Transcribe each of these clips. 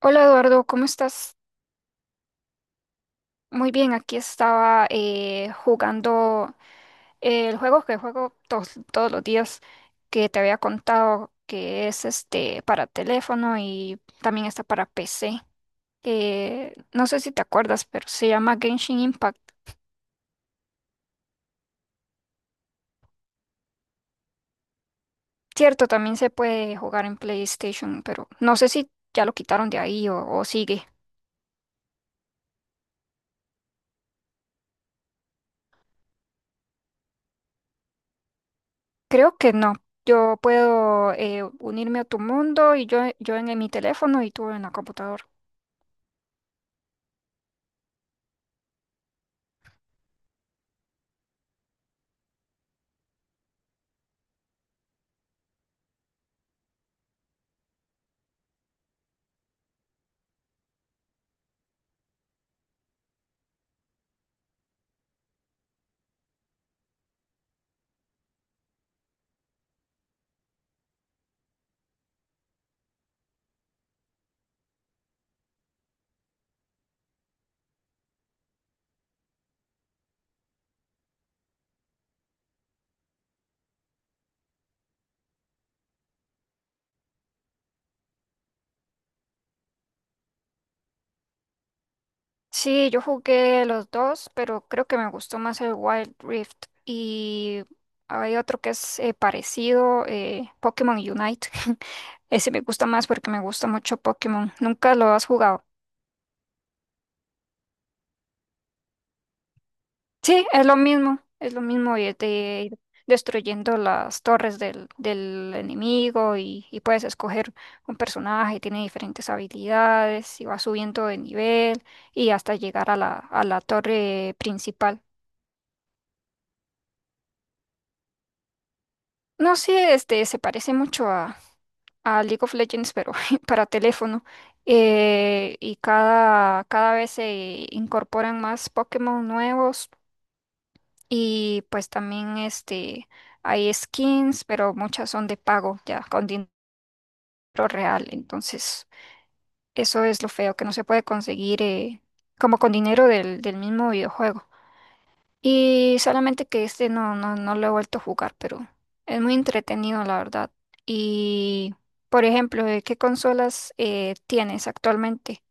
Hola Eduardo, ¿cómo estás? Muy bien, aquí estaba jugando el juego que juego todos los días que te había contado que es este para teléfono y también está para PC. No sé si te acuerdas, pero se llama Genshin Impact. Cierto, también se puede jugar en PlayStation, pero no sé si ya lo quitaron de ahí o sigue. Creo que no. Yo puedo unirme a tu mundo y yo en mi teléfono y tú en la computadora. Sí, yo jugué los dos, pero creo que me gustó más el Wild Rift. Y hay otro que es parecido, Pokémon Unite. Ese me gusta más porque me gusta mucho Pokémon. ¿Nunca lo has jugado? Sí, es lo mismo y es de ir destruyendo las torres del enemigo y puedes escoger un personaje, tiene diferentes habilidades y va subiendo de nivel y hasta llegar a la torre principal. No sé, este se parece mucho a League of Legends, pero para teléfono. Y cada vez se incorporan más Pokémon nuevos y pues también este hay skins, pero muchas son de pago, ya con dinero real. Entonces, eso es lo feo, que no se puede conseguir como con dinero del mismo videojuego. Y solamente que este no lo he vuelto a jugar, pero es muy entretenido, la verdad. Y, por ejemplo, ¿de ¿qué consolas tienes actualmente?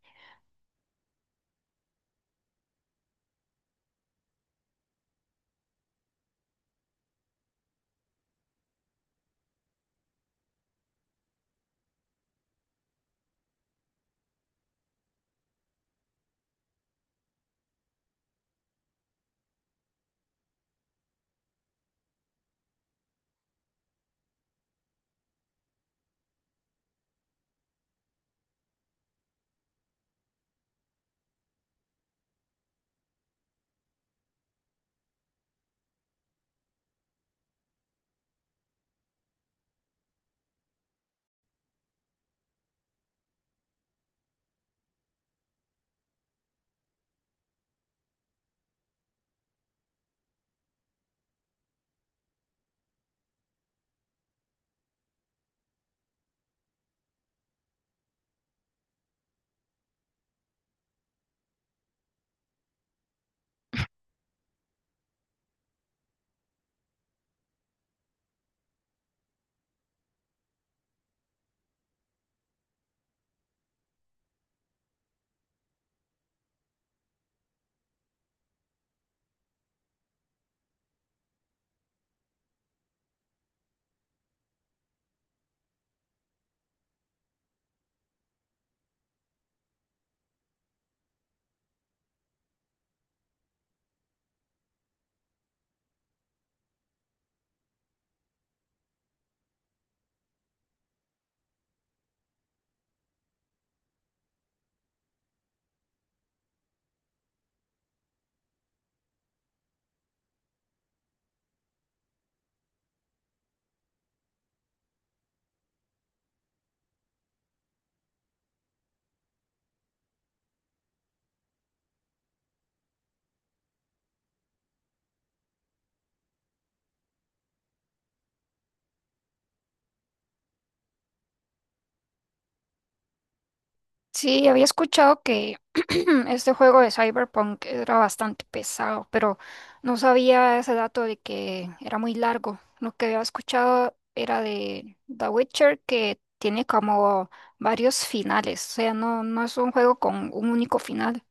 Sí, había escuchado que este juego de Cyberpunk era bastante pesado, pero no sabía ese dato de que era muy largo. Lo que había escuchado era de The Witcher, que tiene como varios finales, o sea, no, no es un juego con un único final.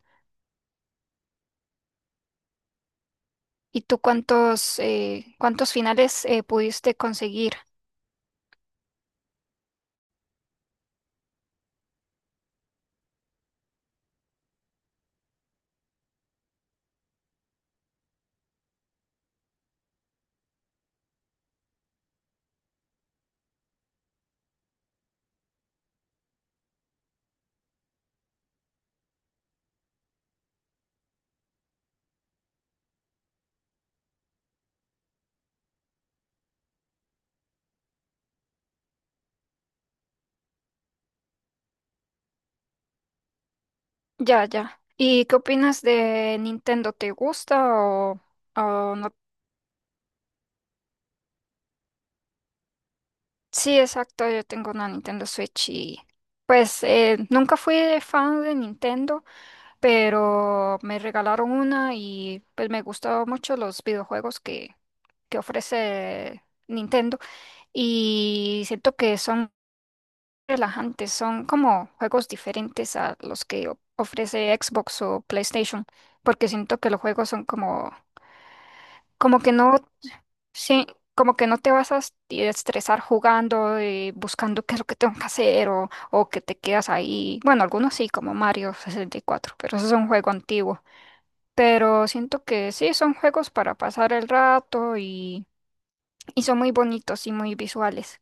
¿Y tú cuántos, cuántos finales pudiste conseguir? Ya, ya. ¿Y qué opinas de Nintendo? ¿Te gusta o no? Sí, exacto, yo tengo una Nintendo Switch y pues nunca fui de fan de Nintendo, pero me regalaron una y pues me gustaron mucho los videojuegos que ofrece Nintendo y siento que son relajantes, son como juegos diferentes a los que ofrece Xbox o PlayStation, porque siento que los juegos son como, como que no, sí, como que no te vas a estresar jugando y buscando qué es lo que tengo que hacer o que te quedas ahí. Bueno, algunos sí, como Mario 64, pero eso es un juego antiguo. Pero siento que sí, son juegos para pasar el rato y son muy bonitos y muy visuales.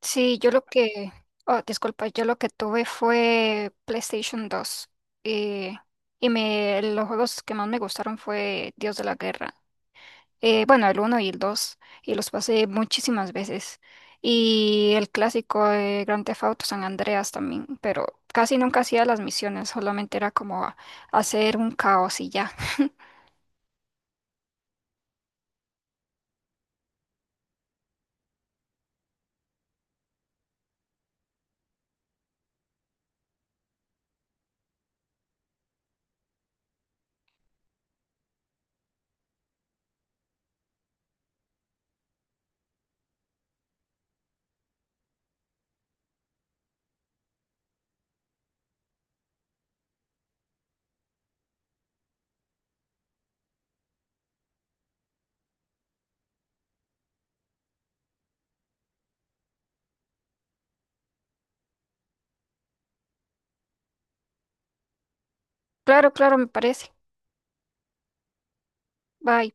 Sí, oh, disculpa, yo lo que tuve fue PlayStation 2 eh, y me, los juegos que más me gustaron fue Dios de la Guerra. Bueno, el uno y el 2 y los pasé muchísimas veces. Y el clásico de Grand Theft Auto San Andreas también, pero casi nunca hacía las misiones, solamente era como hacer un caos y ya. Claro, claro, me parece. Bye.